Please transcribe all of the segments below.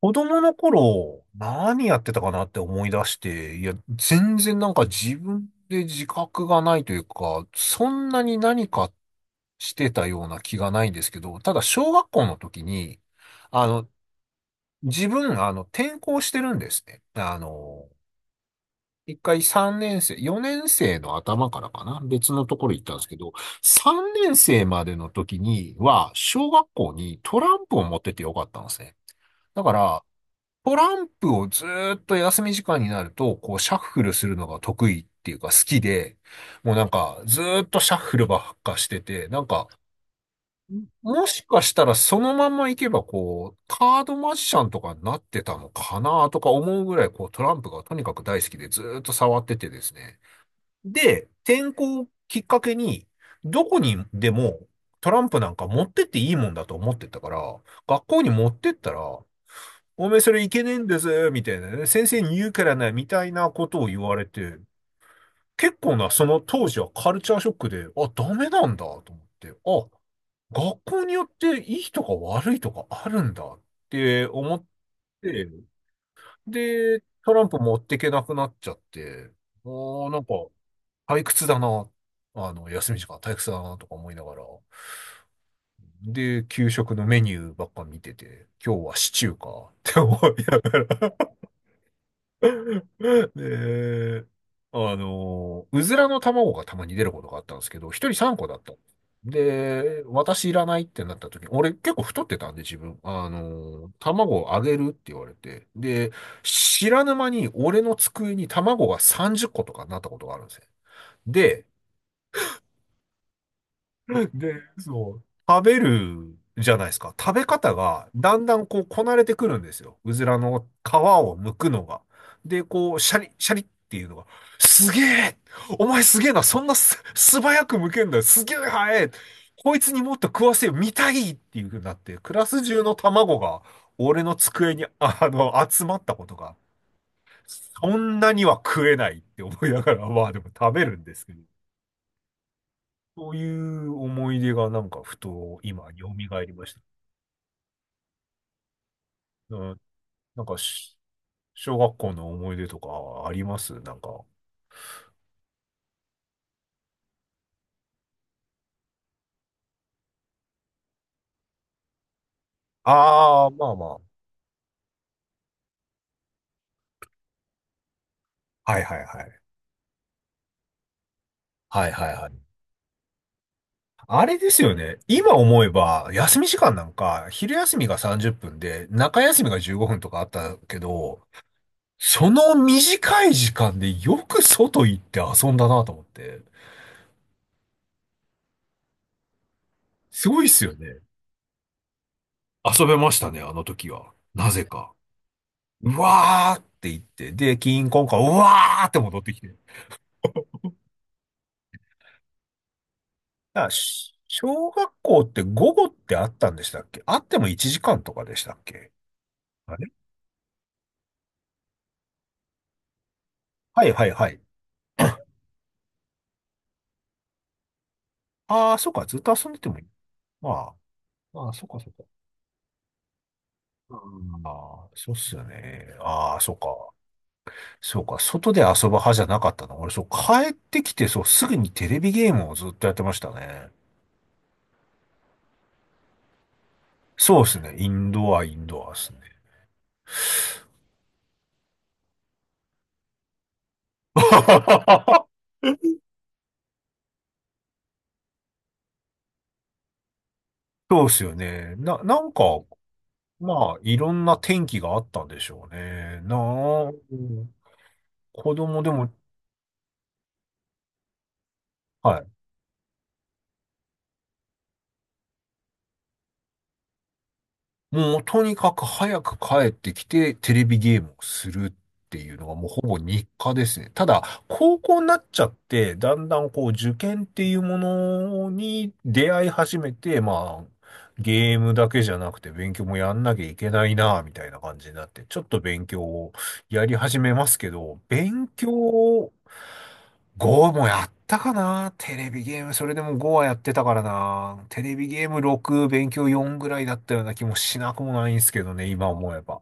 子供の頃、何やってたかなって思い出して、いや、全然なんか自分で自覚がないというか、そんなに何かしてたような気がないんですけど、ただ小学校の時に、あの、自分、転校してるんですね。一回3年生、4年生の頭からかな、別のところ行ったんですけど、3年生までの時には、小学校にトランプを持っててよかったんですね。だから、トランプをずーっと休み時間になると、こう、シャッフルするのが得意っていうか好きで、もうなんか、ずーっとシャッフルばっかしてて、なんか、もしかしたらそのまま行けば、こう、カードマジシャンとかになってたのかなとか思うぐらい、こう、トランプがとにかく大好きでずーっと触っててですね。で、転校をきっかけに、どこにでもトランプなんか持ってっていいもんだと思ってたから、学校に持ってったら、おめえそれいけねえんですみたいなね。先生に言うからね、みたいなことを言われて、結構な、その当時はカルチャーショックで、あ、ダメなんだと思って、あ、学校によっていいとか悪いとかあるんだって思って、で、トランプ持ってけなくなっちゃって、なんか、退屈だな、休み時間退屈だなとか思いながら、で、給食のメニューばっか見てて、今日はシチューかって思いながら、で、うずらの卵がたまに出ることがあったんですけど、一人3個だった。で、私いらないってなった時に、俺結構太ってたんで自分、卵をあげるって言われて、で、知らぬ間に俺の机に卵が30個とかになったことがあるんですよ。で、で、そう、食べるじゃないですか。食べ方がだんだんこうこなれてくるんですよ。うずらの皮を剥くのが。で、こう、シャリ、シャリっていうのが、すげえ、お前すげえな、そんな素早く剥けんだよ、すげえ早い、こいつにもっと食わせよ、見たいっていう風になって、クラス中の卵が俺の机に、集まったことが、そんなには食えないって思いながら、まあでも食べるんですけど。そういう思い出がなんかふと今蘇りました。うん、なんか小学校の思い出とかありますなんか？ああ、まあまあ。はいはいはい。はいはいはい。あれですよね。今思えば、休み時間なんか、昼休みが30分で、中休みが15分とかあったけど、その短い時間でよく外行って遊んだなと思って。すごいっすよね。遊べましたね、あの時は。なぜか。うわーって言って、で、キーンコンカン、うわーって戻ってきて。あ、小学校って午後ってあったんでしたっけ？あっても1時間とかでしたっけ？あれ、はいはいはい。ああ、そっか、ずっと遊んでてもいい。まあ、ああ、そっかそっか。うん、ああ、そうっすよね。ああ、そっか。そうか、外で遊ぶ派じゃなかったな。俺、そう、帰ってきて、そう、すぐにテレビゲームをずっとやってましたね。そうですね。インドアですね。そうですよね。なんか、まあ、いろんな天気があったんでしょうね。なあ、うん、子供でも、はい。もう、とにかく早く帰ってきて、テレビゲームをするっていうのがもうほぼ日課ですね。ただ、高校になっちゃって、だんだんこう、受験っていうものに出会い始めて、まあ、ゲームだけじゃなくて勉強もやんなきゃいけないな、みたいな感じになって、ちょっと勉強をやり始めますけど、勉強5もやったかな、テレビゲーム、それでも5はやってたからな。テレビゲーム6、勉強4ぐらいだったような気もしなくもないんですけどね、今思えば。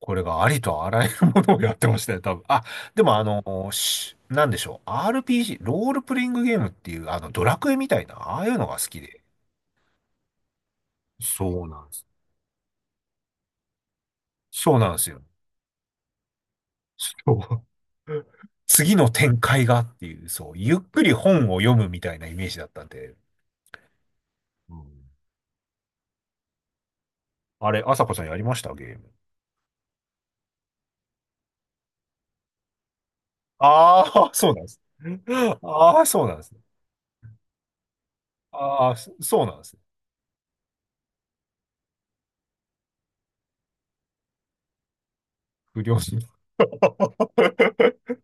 これがありとあらゆるものをやってましたよ、多分。あ、でもあの、なんでしょう。RPG、ロールプレイングゲームっていう、ドラクエみたいな、ああいうのが好きで。そうなんです。そうなんですよ。そう。次の展開がっていう、そう、ゆっくり本を読むみたいなイメージだったんで。うん、あれ、朝子さんやりましたゲーム？ああ、そうなんです。ああ、そうなんですね。ああ、そうなんですね。不良心。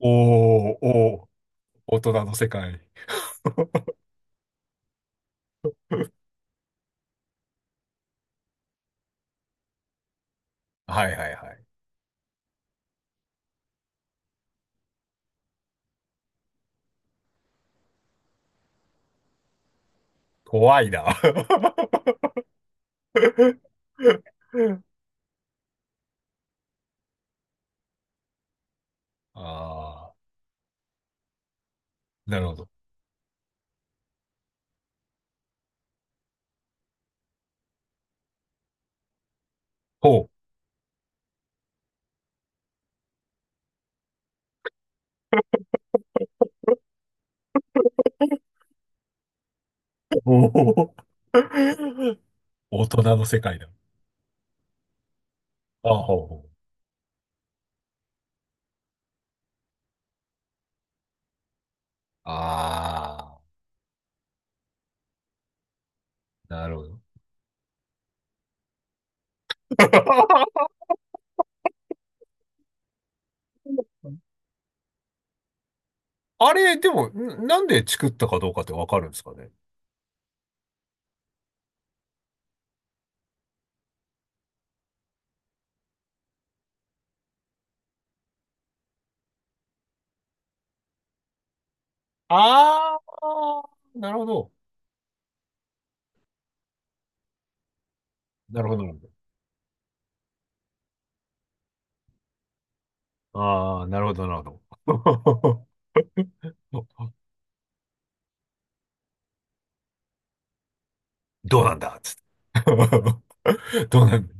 おー、おー、大人の世界。はいはいはい。怖いな。ああ、なるほど。ほう。おー、大人の世界だ。ああ、ほうほう。ああ、なるほど。あれ、でも、なんでチクったかどうかってわかるんですかね？ああ、なるほど。なるほど。ああ、なるほど、なるほど。どうなんだつって。どうなんだ、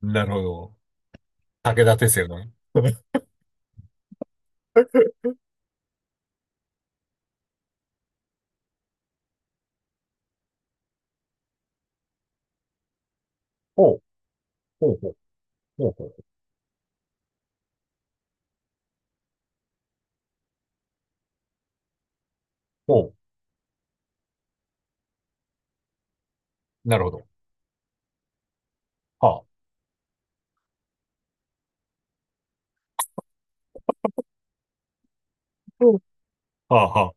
なるほど。武田鉄矢の。ほう、ほうほう、ほうほう、ほう。なるほど。はあ。うん、はあ、は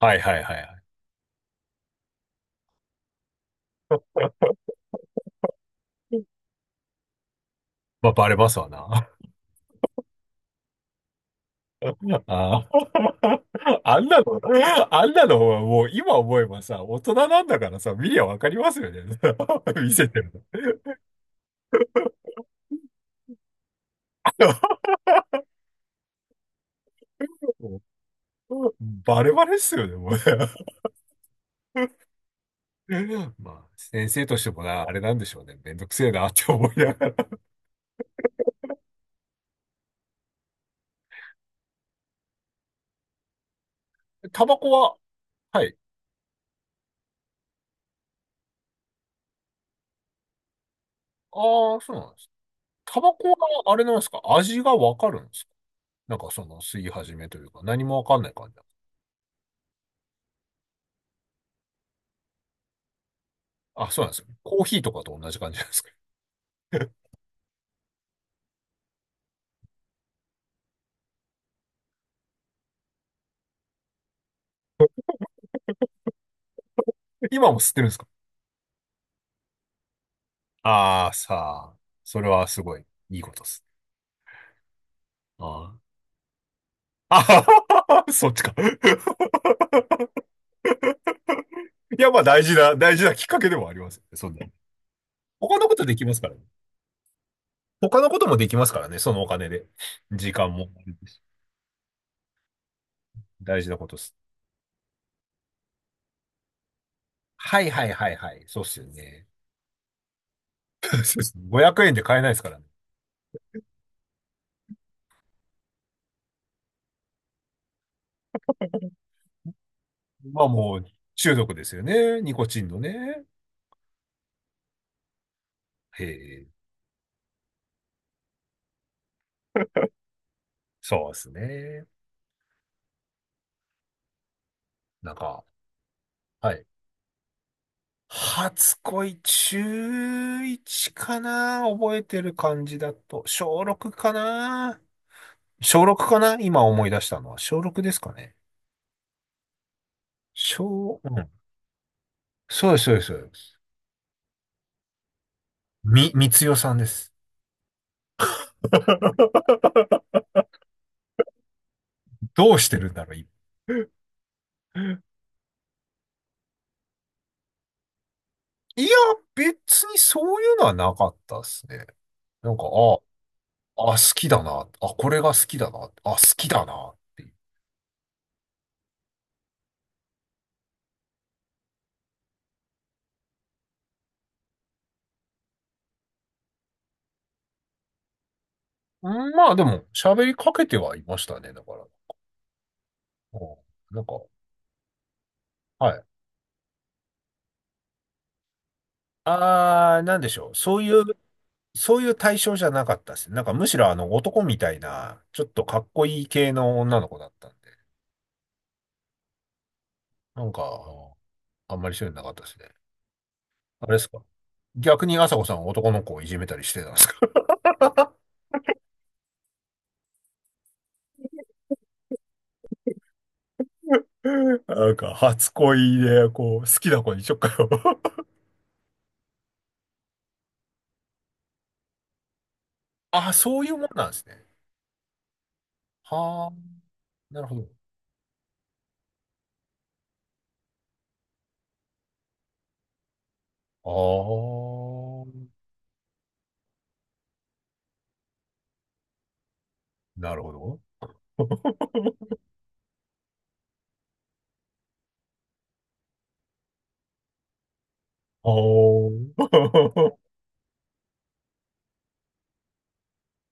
あ。はいはいはいはい。うん、まあ、バレますわな。ああ。あんなの、あんなのはもう今思えばさ、大人なんだからさ、見りゃわかりますよね。見せてるの。もうバレバレっすよね、もう。まあ、先生としてもな、あれなんでしょうね。めんどくせえなって思いながら。タバコは、はい。ああ、そうなんです。タバコは、あれなんですか、味がわかるんですか？なんかその吸い始めというか、何もわかんない感じなんですか？あ、そうなんですよ。コーヒーとかと同じ感じなんですか？ 今も吸ってるんですか？ああ、さあ、それはすごい、いいことです。あああ そっちか。いや、まあ大事な、大事なきっかけでもありますよね。そんな。他のことできますからね。他のこともできますからね、そのお金で。時間も。大事なことです。はいはいはいはい。そうっすよね。そうっすね、500円で買えないですからね。まあもう、中毒ですよね。ニコチンのね。へえ、そうですね。なんか、はい。初恋、中1かな、覚えてる感じだと。小6かな、小6かな、今思い出したのは。小6ですかね。うん。そうです、そうです。そうです。みつよさんです。どうしてるんだろう。いいや、別にそういうのはなかったですね。なんか、あ、あ、好きだな。あ、これが好きだな。あ、好きだなっていう。うん、まあでも、喋りかけてはいましたね、だから。うん、なんか、はい。あー、なんでしょう。そういう、そういう対象じゃなかったですね。なんかむしろあの男みたいな、ちょっとかっこいい系の女の子だったんで。なんか、あんまりそういうのなかったですね。あれですか、逆に朝子さんは男の子をいじめたりしてたんですか？なんか、初恋で、こう、好きな子にしょっかよ。あ、そういうもんなんですね。はあ、なるほど。ああ、なるほど。ああ。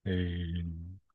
ええ。